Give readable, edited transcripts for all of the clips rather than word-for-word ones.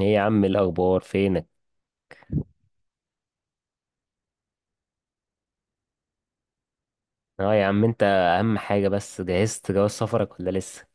ايه يا عم، الاخبار؟ فينك؟ اه يا عم، انت اهم حاجه. بس جهزت جواز سفرك ولا لسه؟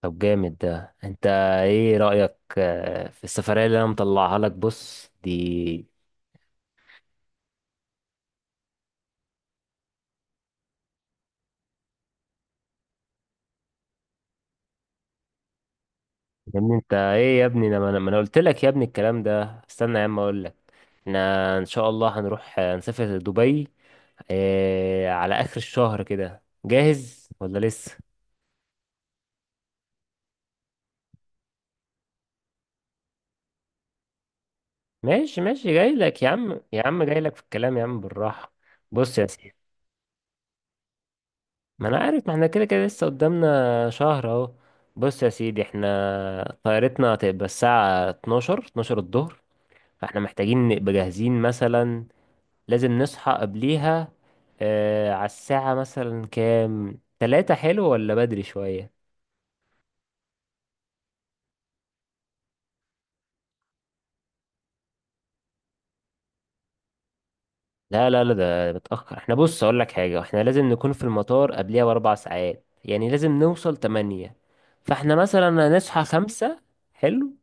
طب جامد ده انت. ايه رايك في السفريه اللي انا مطلعها لك؟ بص دي. يا ابني انت ايه يا ابني؟ انا ما انا ما أنا قلت لك يا ابني الكلام ده. استنى يا عم اقول لك. احنا ان شاء الله هنروح نسافر دبي على اخر الشهر. كده جاهز ولا لسه؟ ماشي ماشي، جاي لك يا عم. يا عم جاي لك في الكلام يا عم، بالراحه. بص يا سيدي، ما انا عارف. ما احنا كده كده لسه قدامنا شهر اهو. بص يا سيدي، احنا طيارتنا هتبقى الساعة 12 12 الظهر. فاحنا محتاجين نبقى جاهزين مثلا. لازم نصحى قبليها. آه، على الساعة مثلا كام؟ 3؟ حلو ولا بدري شوية؟ لا لا لا، ده متأخر. احنا، بص اقول لك حاجة، احنا لازم نكون في المطار قبليها ب4 ساعات. يعني لازم نوصل 8. فاحنا مثلا هنصحى 5. حلو.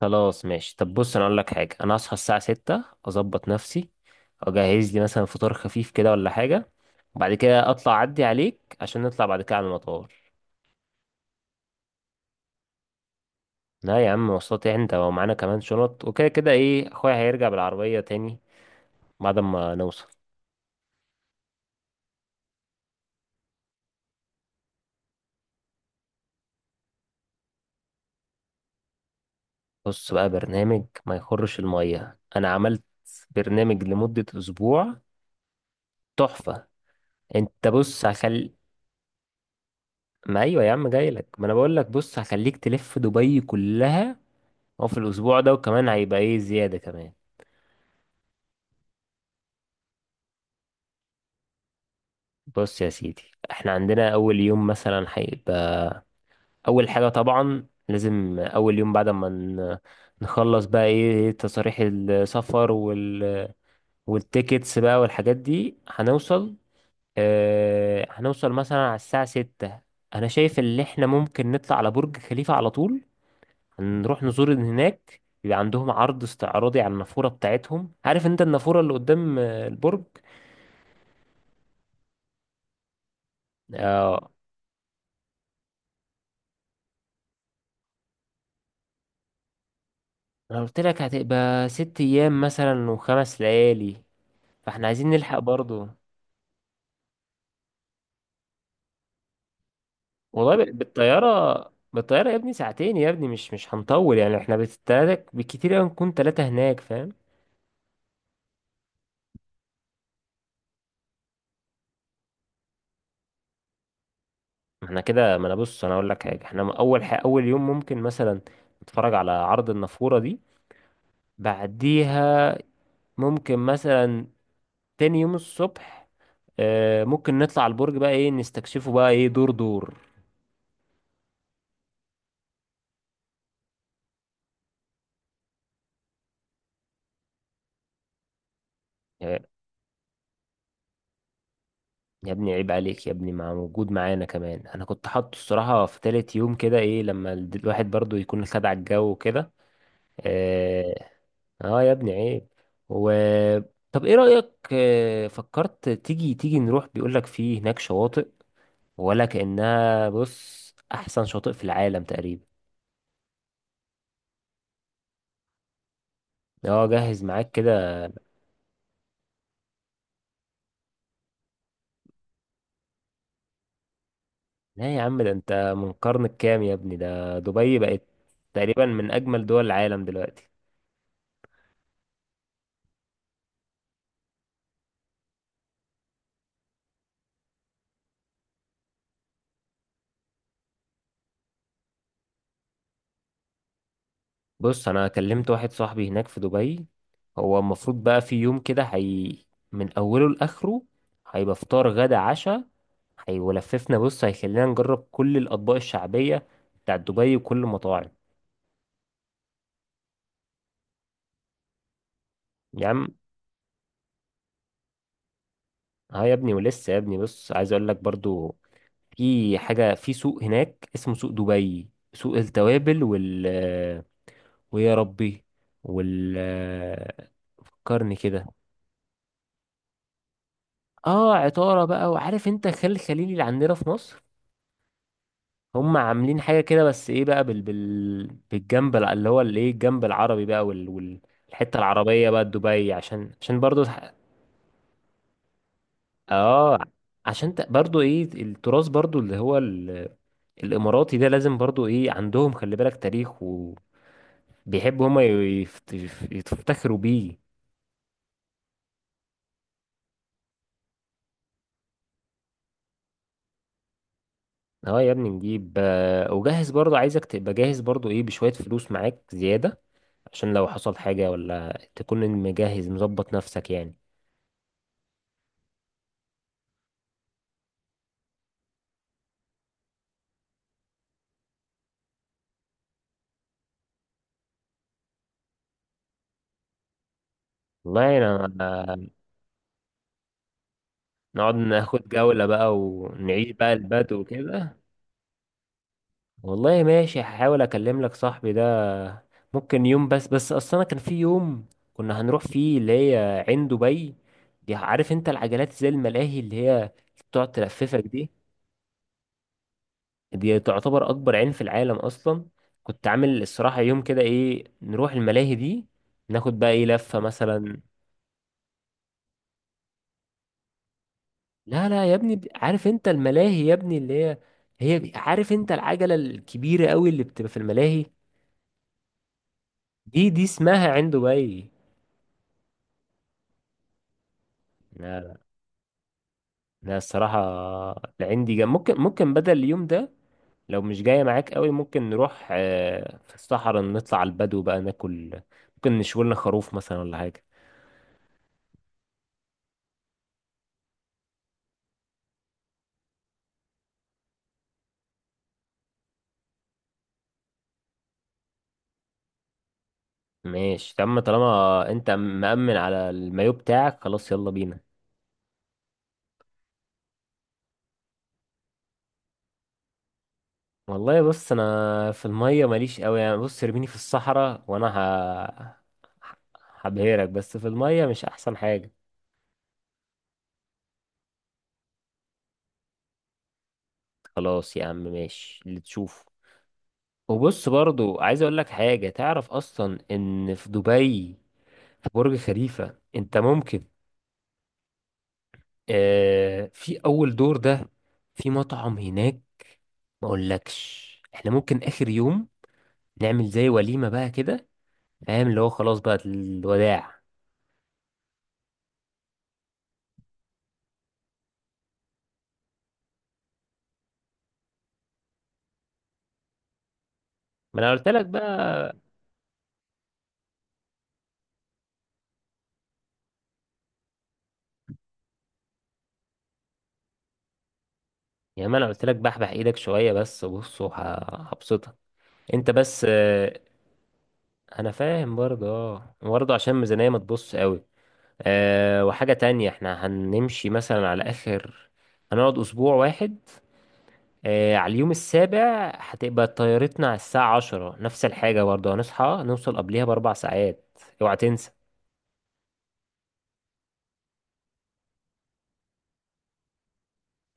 خلاص ماشي. طب بص انا اقول لك حاجه، انا هصحى الساعه 6 اظبط نفسي. اجهز لي مثلا فطار خفيف كده ولا حاجه، وبعد كده اطلع اعدي عليك عشان نطلع بعد كده على المطار. لا يا عم، مواصلات إيه؟ انت ومعانا كمان شنط وكده. كده ايه، اخويا هيرجع بالعربيه تاني بعد ما نوصل. بص بقى، برنامج ما يخرش الميه. انا عملت برنامج لمده اسبوع. تحفه. انت بص ما ايوه يا عم، جاي لك. ما انا بقول لك، بص هخليك تلف دبي كلها. هو في الأسبوع ده، وكمان هيبقى إيه زيادة كمان. بص يا سيدي، إحنا عندنا أول يوم مثلا هيبقى. أول حاجة طبعا لازم أول يوم بعد ما نخلص بقى إيه تصاريح السفر والتيكتس بقى والحاجات دي. هنوصل هنوصل مثلا على الساعة 6. أنا شايف إن إحنا ممكن نطلع على برج خليفة على طول. هنروح نزور هناك، بيبقى عندهم عرض استعراضي على النافورة بتاعتهم. عارف أنت النافورة اللي قدام البرج. آه، انا قلت لك هتبقى 6 ايام مثلا وخمس ليالي، فاحنا عايزين نلحق برضو. والله بالطياره يا ابني ساعتين، يا ابني مش هنطول يعني. احنا بالتلاتة، بالكتير قوي نكون ثلاثه هناك، فاهم؟ ما احنا كده، ما انا بص، انا اقول لك حاجه، احنا اول حاجه اول يوم ممكن مثلا نتفرج على عرض النافوره دي، بعديها ممكن مثلا تاني يوم الصبح ممكن نطلع البرج بقى، ايه، نستكشفه بقى، ايه، دور دور. آه، يا ابني عيب عليك يا ابني، مع موجود معانا كمان. انا كنت حاطه الصراحه في تالت يوم كده، ايه، لما الواحد برضو يكون خد على الجو وكده. اه. آه يا ابني، عيب. و، طب ايه رايك فكرت تيجي نروح. بيقول لك في هناك شواطئ، ولا كانها بص احسن شاطئ في العالم تقريبا. اه، جهز معاك كده. لا يا عم، ده انت من قرن الكام يا ابني؟ ده دبي بقت تقريبا من اجمل دول العالم دلوقتي. بص انا كلمت واحد صاحبي هناك في دبي. هو المفروض بقى في يوم كده، هي من اوله لاخره هيبقى فطار غدا عشاء. هي ولففنا بص، هيخلينا نجرب كل الاطباق الشعبيه بتاع دبي وكل المطاعم. يا عم. ها يا ابني، ولسه يا ابني، بص عايز اقول لك برضو، في حاجه في سوق هناك اسمه سوق دبي، سوق التوابل ويا ربي وال فكرني كده. اه، عطاره بقى. وعارف انت خل الخليلي اللي عندنا في مصر؟ هم عاملين حاجة كده، بس ايه بقى بالجنب اللي هو الايه، الجنب العربي بقى الحتة العربية بقى دبي، عشان برضو اه عشان برضو ايه التراث، برضو اللي هو الاماراتي ده، لازم برضو، ايه، عندهم، خلي بالك، تاريخ. وبيحبوا هم يفتخروا بيه. اه يا ابني نجيب وجهز برضو. عايزك تبقى جاهز برضو، ايه، بشوية فلوس معاك زيادة عشان لو حصل حاجة، ولا تكون مجهز مظبط نفسك يعني. والله، انا نقعد ناخد جولة بقى ونعيش بقى البدو وكده. والله ماشي، هحاول اكلم لك صاحبي ده. ممكن يوم، بس اصلا كان في يوم كنا هنروح فيه، اللي هي عين دبي. دي، عارف انت العجلات زي الملاهي اللي هي بتقعد تلففك دي. دي تعتبر اكبر عين في العالم اصلا. كنت عامل الصراحة يوم كده، ايه، نروح الملاهي دي، ناخد بقى ايه لفة مثلا. لا لا يا ابني، عارف انت الملاهي يا ابني اللي هي، هي عارف انت العجلة الكبيرة قوي اللي بتبقى في الملاهي؟ دي اسمها عنده باي. لا لا لا، الصراحة، العندي جنب ممكن، بدل اليوم ده لو مش جاية معاك قوي، ممكن نروح في الصحراء، نطلع على البدو بقى، ناكل. ممكن نشوي لنا خروف مثلا ولا حاجة. ماشي تم. طالما انت مأمن على المايو بتاعك، خلاص يلا بينا. والله بص، انا في المية ماليش قوي يعني. بص ارميني في الصحراء وانا هبهرك، بس في المية مش احسن حاجة. خلاص يا عم، ماشي اللي تشوفه. وبص برضو عايز اقول لك حاجة. تعرف اصلا ان في دبي، في برج خليفة انت ممكن، آه في اول دور ده، في مطعم هناك، ما اقولكش؟ احنا ممكن اخر يوم نعمل زي وليمة بقى كده، فاهم، اللي هو خلاص بقى الوداع. ما انا قلت لك بقى. يعني ما انا قلت لك، بحبح ايدك شوية. بس بص هبسطك. انت بس انا فاهم برضه، اه برضه عشان الميزانية ما تبص قوي. أه وحاجة تانية، احنا هنمشي مثلا على آخر، هنقعد أسبوع واحد. أه على اليوم السابع هتبقى طيارتنا على الساعة 10، نفس الحاجة برضه، هنصحى نوصل قبليها ب4 ساعات، اوعى تنسى.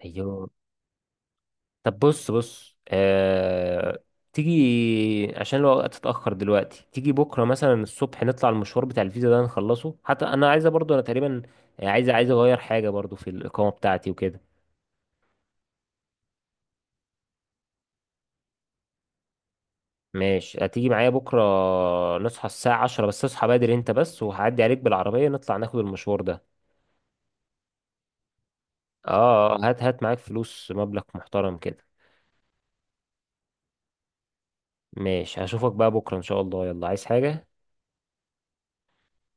أيوه. طب بص بص تيجي، عشان الوقت اتأخر دلوقتي. تيجي بكرة مثلا الصبح، نطلع المشوار بتاع الفيزا ده نخلصه، حتى أنا عايزة برضه، أنا تقريبا عايز أغير حاجة برضه في الإقامة بتاعتي وكده. ماشي، هتيجي معايا بكرة. نصحى الساعة 10، بس اصحى بدري انت، بس وهعدي عليك بالعربية نطلع ناخد المشوار ده. اه هات هات معاك فلوس، مبلغ محترم كده. ماشي، هشوفك بقى بكرة ان شاء الله. يلا، عايز حاجة؟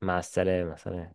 مع السلامة، سلام.